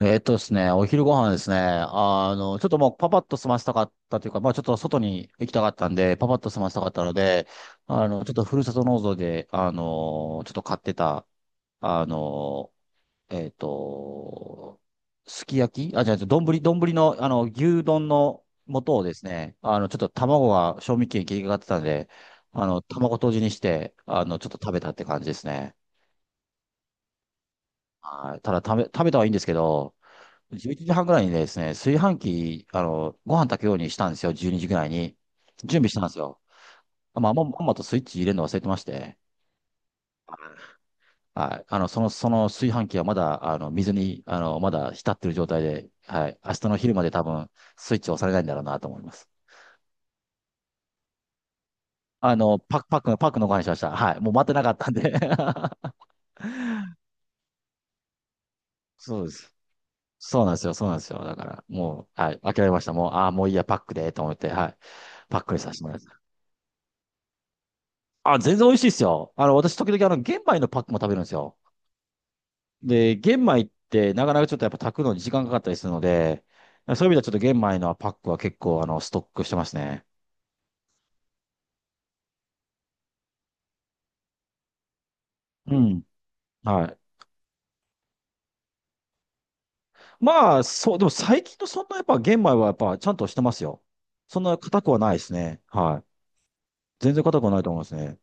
えっとですね、お昼ご飯ですね。ちょっともうパパッと済ませたかったというか、まあちょっと外に行きたかったんで、パパッと済ませたかったので、ちょっとふるさと納税で、ちょっと買ってた、あの、えっと、すき焼き、あ、じゃあ、丼の、牛丼の素をですね、ちょっと卵が賞味期限切りかかってたんで、卵とじにして、ちょっと食べたって感じですね。はい。ただ、食べたはいいんですけど、11時半ぐらいにですね、炊飯器、ご飯炊くようにしたんですよ、12時ぐらいに。準備したんですよ。まあ、まんまとスイッチ入れるの忘れてまして、はい。その炊飯器はまだ、水に、まだ浸ってる状態で、はい。明日の昼まで多分、スイッチ押されないんだろうなと思います。パックのご飯にしました。はい。もう待ってなかったんで そうです。そうなんですよ、そうなんですよ。だから、もう、はい。諦めました。もう、ああ、もういいや、パックで、と思って、はい。パックにさせてもらいます。あ、全然美味しいですよ。私、時々、玄米のパックも食べるんですよ。で、玄米って、なかなかちょっとやっぱ炊くのに時間かかったりするので、そういう意味ではちょっと玄米のパックは結構、ストックしてますね。うん。はい。まあ、そう、でも最近のそんなやっぱ玄米はやっぱちゃんとしてますよ。そんな硬くはないですね。はい。全然硬くはないと思いますね。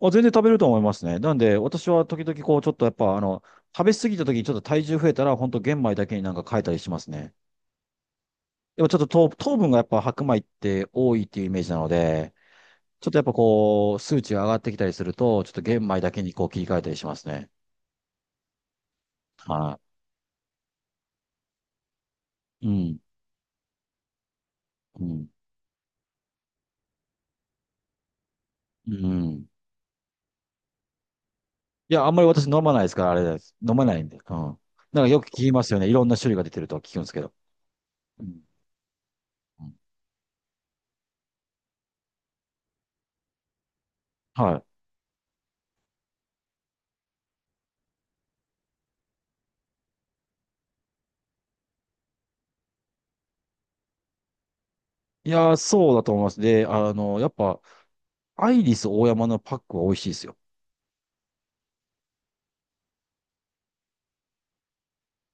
あ、全然食べると思いますね。なんで、私は時々こう、ちょっとやっぱ、食べ過ぎた時にちょっと体重増えたら、本当玄米だけになんか変えたりしますね。でもちょっと糖分がやっぱ白米って多いっていうイメージなので、ちょっとやっぱこう、数値が上がってきたりすると、ちょっと玄米だけにこう切り替えたりしますね。はい。うん。うん。うん。いや、あんまり私飲まないですから、あれです。飲まないんで。うん。なんかよく聞きますよね。いろんな種類が出てるとは聞くんですけど。うん。うん。はい。いやー、そうだと思います。で、やっぱ、アイリスオーヤマのパックは美味しいですよ。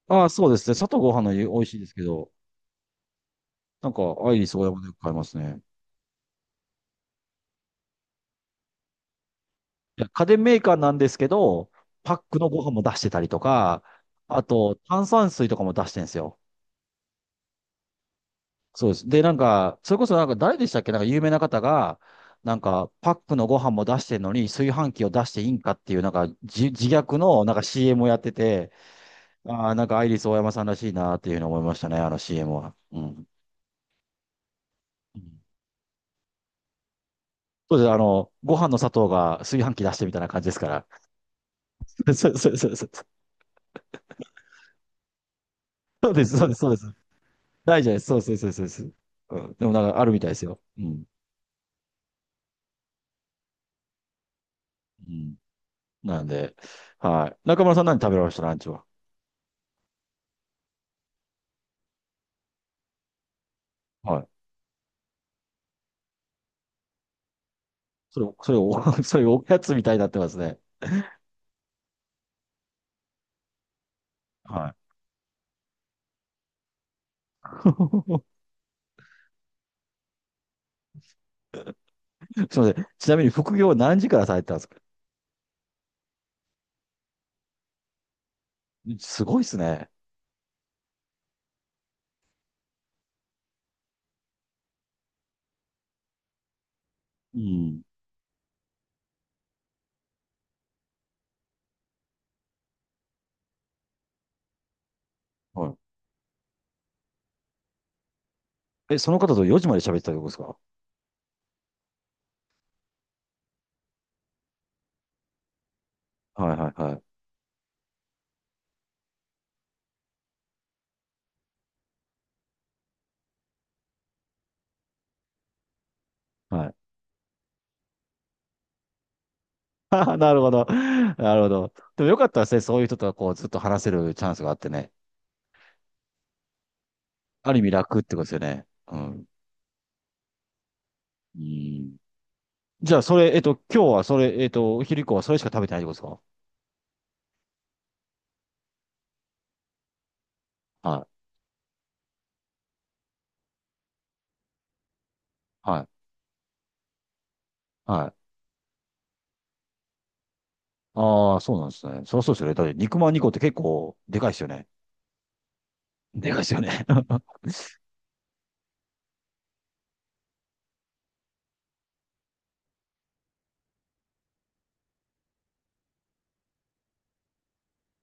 ああ、そうですね。砂糖ご飯の美味しいですけど、なんか、アイリスオーヤマでよく買いますね。家電メーカーなんですけど、パックのご飯も出してたりとか、あと炭酸水とかも出してるんですよ。そうです。で、なんか、それこそなんか誰でしたっけ、なんか有名な方が、なんかパックのご飯も出してるのに炊飯器を出していいんかっていう、なんか自虐のなんか CM をやってて、ああ、なんかアイリスオーヤマさんらしいなっていうのを思いましたね、あの CM は。うん。うん。そうです。ご飯の砂糖が炊飯器出してみたいな感じですから。そうそうそうそう。そうです、そうです、そうです。ないじゃないです。そうそうそうそうそう。うん。でもなんかあるみたいですよ。うん。うん。なんで、はい。中村さん、何食べられましたランチは？はい。それ、それお、それおやつみたいになってますね。はい。すみません。ちなみに副業は何時からされてたんですか？すごいですね。うん。はい。え、その方と4時まで喋ってたってことですか？はいはいはい。はい。なるほど。なるほど。でもよかったですね。そういう人とはこうずっと話せるチャンスがあってね。ある意味楽ってことですよね。うん。うん。じゃあ、それ、今日はそれ、お昼以降はそれしか食べてないってことですか？はい。はい。はい。ああ、そうなんですね。そりゃそうですよね。だって肉まん2個って結構でかいですよね。でかいですよね。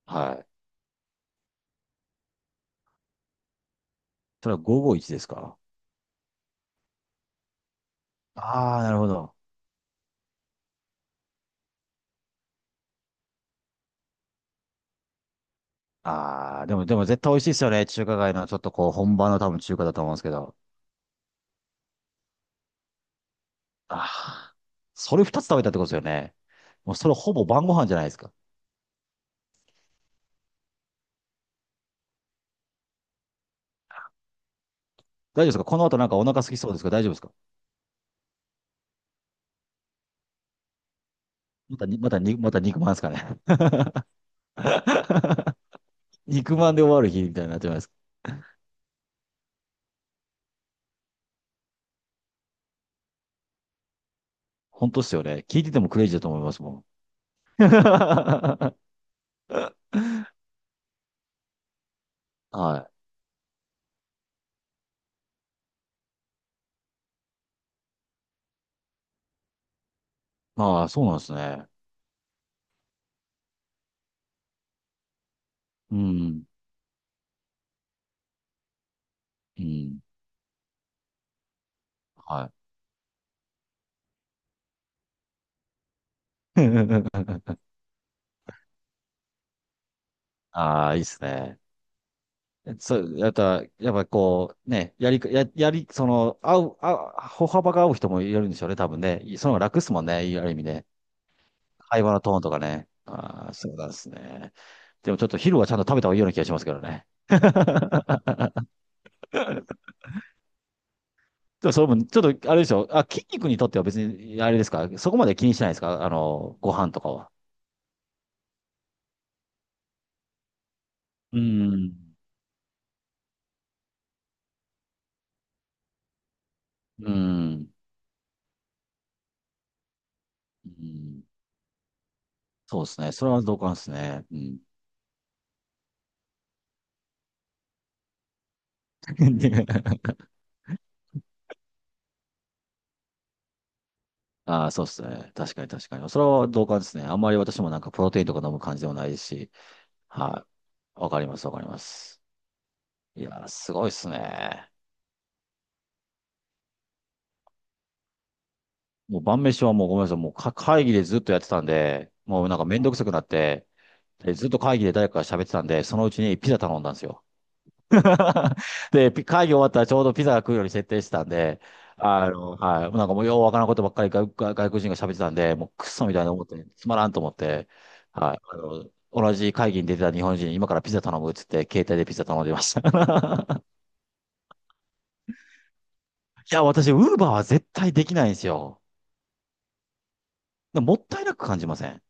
はい。それは551ですか？ああ、なるほど。ああ、でも絶対美味しいですよね。中華街のちょっとこう、本場の多分中華だと思うんですけど。ああ、それ2つ食べたってことですよね。もうそれほぼ晩ご飯じゃないですか。大丈夫ですか？この後なんかお腹空きそうですか？大丈夫ですか？またに、またに、また肉まんですかね。肉まんで終わる日みたいになってますか？本当っすよね。聞いててもクレイジーだと思いますもん。はい。ああ、そうなんですね。うん。うん。はい。ああ、いいっすね。そう、やっぱこう、ね、やり、や、やり、その、合う、合う、歩幅が合う人もいるんでしょうね、多分ね。その方が楽っすもんね、ある意味ね。会話のトーンとかね。ああ、そうなんですね。でもちょっと昼はちゃんと食べた方がいいような気がしますけどね。でもそれも、ちょっと、あれでしょ。あ、筋肉にとっては別に、あれですか。そこまで気にしないですか。ご飯とかは。うん。うん。うん。そうですね。それは同感ですね。うん。ああ、そうですね。確かに、確かに。それは同感ですね。あんまり私もなんかプロテインとか飲む感じでもないですし。はい。わかります、わかります。いやー、すごいですね。もう晩飯はもう、ごめんなさい、もう会議でずっとやってたんで、もうなんかめんどくさくなって、でずっと会議で誰かが喋ってたんで、そのうちにピザ頼んだんですよ。で、会議終わったらちょうどピザが来るように設定してたんで、はい。なんかもうようわからんことばっかり外国人が喋ってたんで、もうクソみたいな思って、つまらんと思って、はい。同じ会議に出てた日本人に今からピザ頼むっつって、携帯でピザ頼んでました。いや、私、ウーバーは絶対できないんですよ。もったいなく感じません？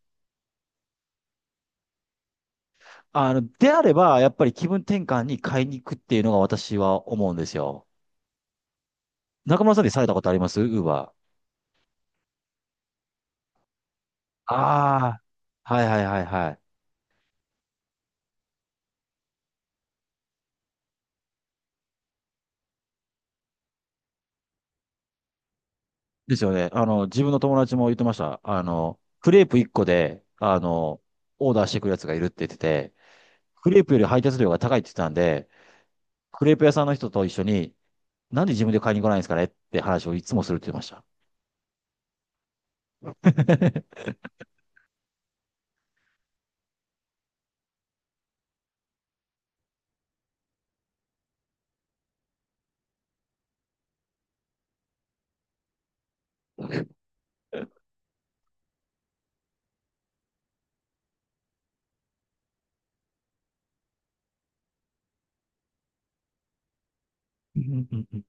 であれば、やっぱり気分転換に買いに行くっていうのが私は思うんですよ。中村さんでされたことありますウーバー？ああー、はいはいはいはい。ですよね。自分の友達も言ってました。クレープ1個で、オーダーしてくるやつがいるって言ってて、クレープより配達料が高いって言ってたんで、クレープ屋さんの人と一緒に、なんで自分で買いに来ないんですかねって話をいつもするって言ってました。うんうんうん